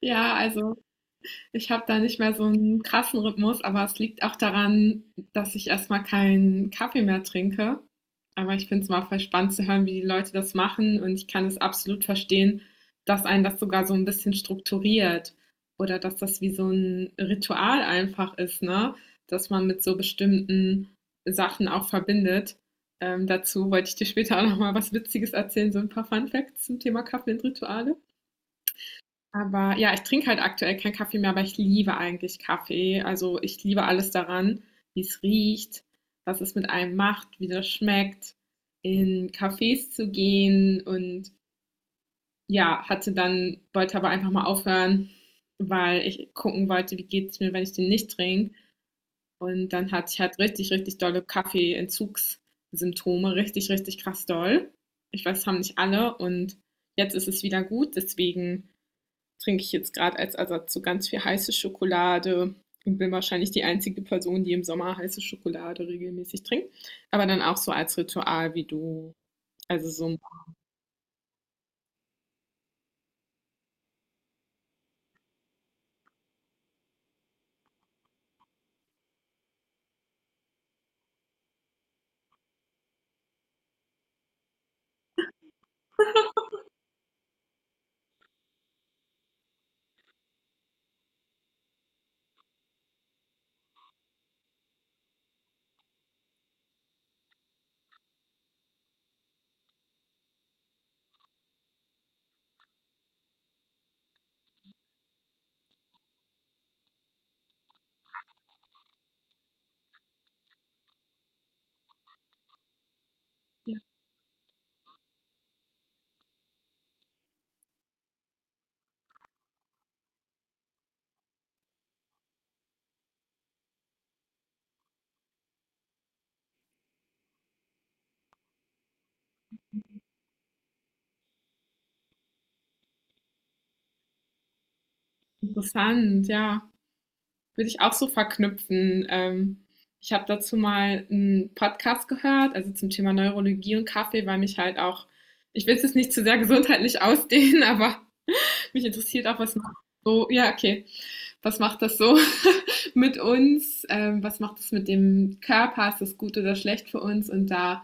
Ja, also ich habe da nicht mehr so einen krassen Rhythmus, aber es liegt auch daran, dass ich erstmal keinen Kaffee mehr trinke. Aber ich finde es mal voll spannend zu hören, wie die Leute das machen und ich kann es absolut verstehen, dass einen das sogar so ein bisschen strukturiert oder dass das wie so ein Ritual einfach ist, ne, dass man mit so bestimmten Sachen auch verbindet. Dazu wollte ich dir später auch noch mal was Witziges erzählen, so ein paar Fun Facts zum Thema Kaffee und Rituale. Aber ja, ich trinke halt aktuell keinen Kaffee mehr, aber ich liebe eigentlich Kaffee. Also ich liebe alles daran, wie es riecht, was es mit einem macht, wie das schmeckt, in Cafés zu gehen und ja, hatte dann, wollte aber einfach mal aufhören, weil ich gucken wollte, wie geht es mir, wenn ich den nicht trinke. Und dann hatte ich halt richtig, richtig dolle Kaffeeentzugssymptome, richtig, richtig krass doll. Ich weiß, das haben nicht alle und jetzt ist es wieder gut, deswegen trinke ich jetzt gerade als Ersatz so ganz viel heiße Schokolade und bin wahrscheinlich die einzige Person, die im Sommer heiße Schokolade regelmäßig trinkt. Aber dann auch so als Ritual wie du. Also so ja, interessant, ja. Würde ich auch so verknüpfen. Ich habe dazu mal einen Podcast gehört, also zum Thema Neurologie und Kaffee, weil mich halt auch, ich will es jetzt nicht zu sehr gesundheitlich ausdehnen, aber mich interessiert auch, was macht so, ja, okay. Was macht das so mit uns? Was macht das mit dem Körper? Ist das gut oder schlecht für uns? Und da,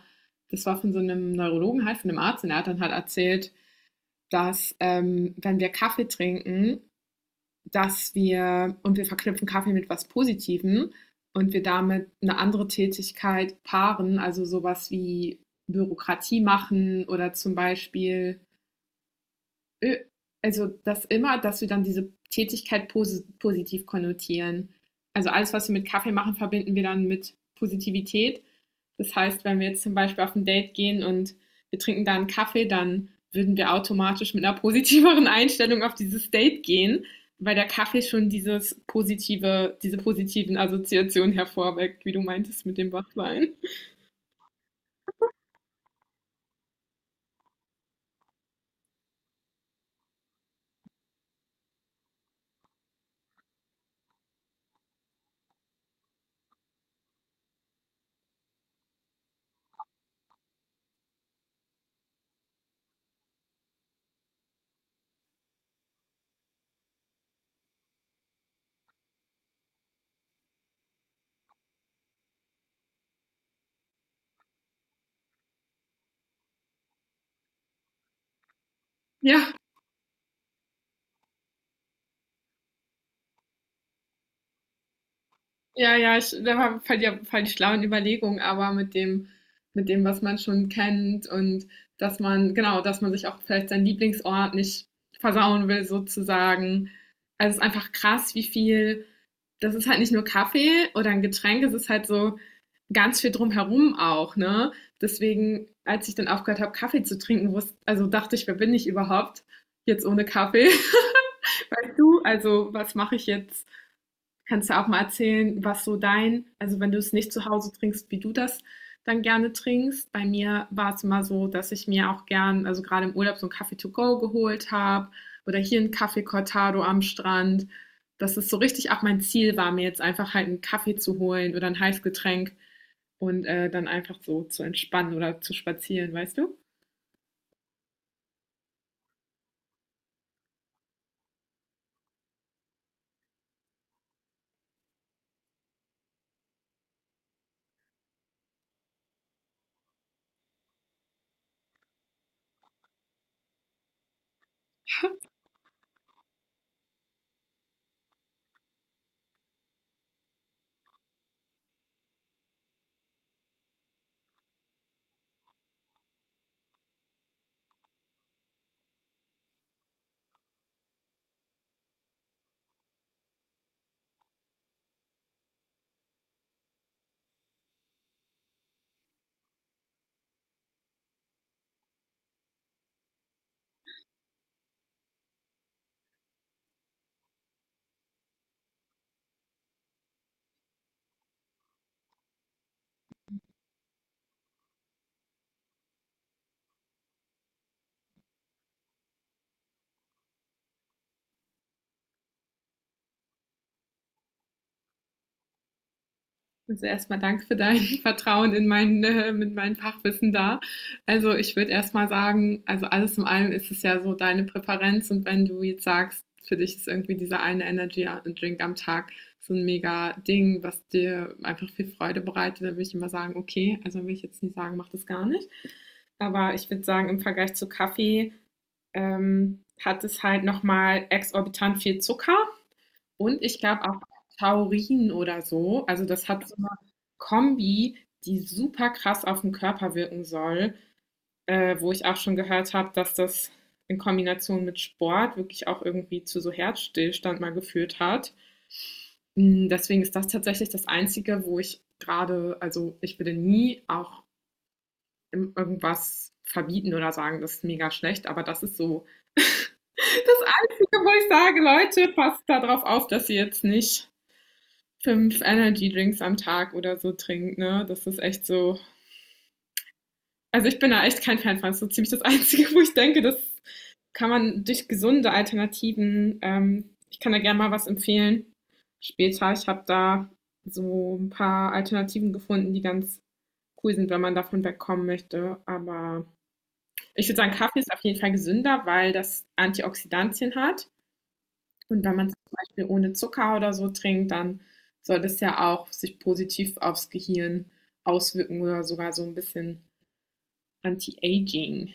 das war von so einem Neurologen, halt von einem Arzt, und er hat dann halt erzählt, dass wenn wir Kaffee trinken, dass wir, und wir verknüpfen Kaffee mit was Positivem und wir damit eine andere Tätigkeit paaren, also sowas wie Bürokratie machen oder zum Beispiel Ö- also das immer, dass wir dann diese Tätigkeit positiv konnotieren. Also alles, was wir mit Kaffee machen, verbinden wir dann mit Positivität. Das heißt, wenn wir jetzt zum Beispiel auf ein Date gehen und wir trinken da einen Kaffee, dann würden wir automatisch mit einer positiveren Einstellung auf dieses Date gehen, weil der Kaffee schon dieses positive, diese positiven Assoziationen hervorweckt, wie du meintest mit dem Wachwein. Ja. Ja, ja, ich, da war voll die schlauen Überlegungen, aber mit dem, was man schon kennt und dass man, genau, dass man sich auch vielleicht seinen Lieblingsort nicht versauen will, sozusagen. Also es ist einfach krass, wie viel, das ist halt nicht nur Kaffee oder ein Getränk, es ist halt so ganz viel drumherum auch, ne? Deswegen, als ich dann aufgehört habe, Kaffee zu trinken, wusste, also dachte ich, wer bin ich überhaupt jetzt ohne Kaffee? Weißt du, also was mache ich jetzt? Kannst du auch mal erzählen, was so dein, also wenn du es nicht zu Hause trinkst, wie du das dann gerne trinkst. Bei mir war es immer so, dass ich mir auch gern, also gerade im Urlaub, so einen Kaffee to go geholt habe oder hier einen Kaffee Cortado am Strand. Dass es so richtig auch mein Ziel war, mir jetzt einfach halt einen Kaffee zu holen oder ein Heißgetränk und dann einfach so zu entspannen oder zu spazieren, weißt du? Also erstmal danke für dein Vertrauen in mein, mit meinem Fachwissen da. Also ich würde erstmal sagen, also alles in allem ist es ja so deine Präferenz und wenn du jetzt sagst, für dich ist irgendwie dieser eine Energy Drink am Tag so ein mega Ding, was dir einfach viel Freude bereitet, dann würde ich immer sagen, okay, also will ich jetzt nicht sagen, mach das gar nicht. Aber ich würde sagen, im Vergleich zu Kaffee hat es halt nochmal exorbitant viel Zucker und ich glaube auch Taurin oder so. Also, das hat so eine Kombi, die super krass auf 'n Körper wirken soll, wo ich auch schon gehört habe, dass das in Kombination mit Sport wirklich auch irgendwie zu so Herzstillstand mal geführt hat. Hm, deswegen ist das tatsächlich das Einzige, wo ich gerade also, ich würde nie auch im irgendwas verbieten oder sagen, das ist mega schlecht, aber das ist so das Einzige, wo ich sage: „Leute, passt da drauf auf, dass ihr jetzt nicht“ fünf Energy Drinks am Tag oder so trinkt, ne? Das ist echt so. Also ich bin da echt kein Fan von. Das ist so ziemlich das Einzige, wo ich denke, das kann man durch gesunde Alternativen, ich kann da gerne mal was empfehlen. Später, ich habe da so ein paar Alternativen gefunden, die ganz cool sind, wenn man davon wegkommen möchte. Aber ich würde sagen, Kaffee ist auf jeden Fall gesünder, weil das Antioxidantien hat. Und wenn man's zum Beispiel ohne Zucker oder so trinkt, dann soll das ja auch sich positiv aufs Gehirn auswirken oder sogar so ein bisschen Anti-Aging,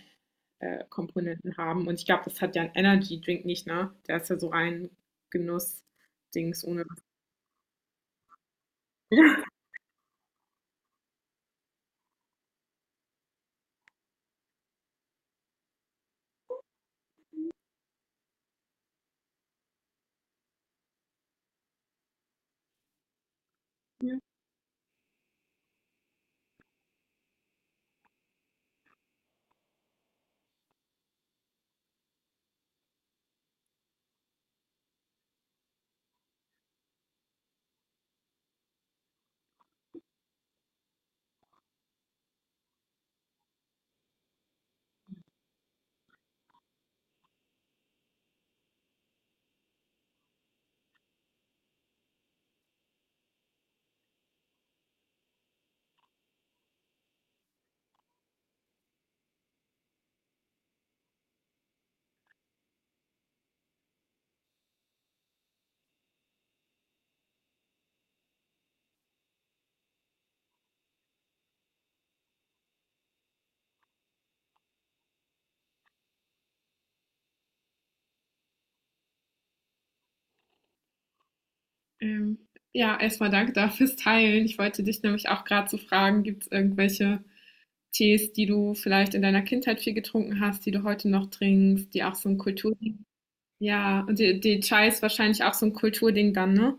Komponenten haben. Und ich glaube, das hat ja ein Energy Drink nicht, ne? Der ist ja so rein Genuss-Dings ohne ja. Ähm, ja, erstmal danke da fürs Teilen. Ich wollte dich nämlich auch gerade so fragen, gibt's irgendwelche Tees, die du vielleicht in deiner Kindheit viel getrunken hast, die du heute noch trinkst, die auch so ein Kultur ja, und die Chai ist wahrscheinlich auch so ein Kulturding dann, ne?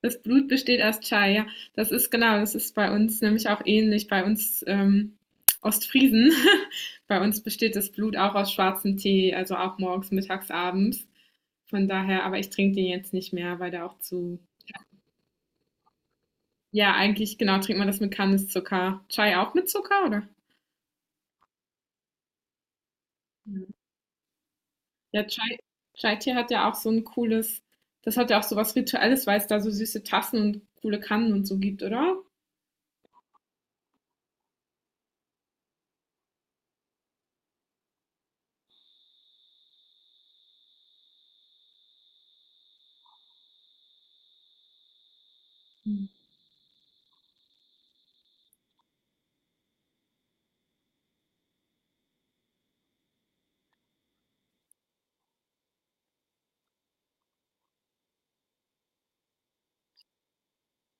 Das Blut besteht aus Chai, ja. Das ist genau, das ist bei uns nämlich auch ähnlich. Bei uns Ostfriesen, bei uns besteht das Blut auch aus schwarzem Tee, also auch morgens, mittags, abends. Von daher, aber ich trinke den jetzt nicht mehr, weil der auch zu. Ja, eigentlich, genau, trinkt man das mit Kandiszucker. Chai auch mit Zucker, oder? Ja, ja Chai, Chai-Tee hat ja auch so ein cooles, das hat ja auch so was Rituelles, weil es da so süße Tassen und coole Kannen und so gibt, oder?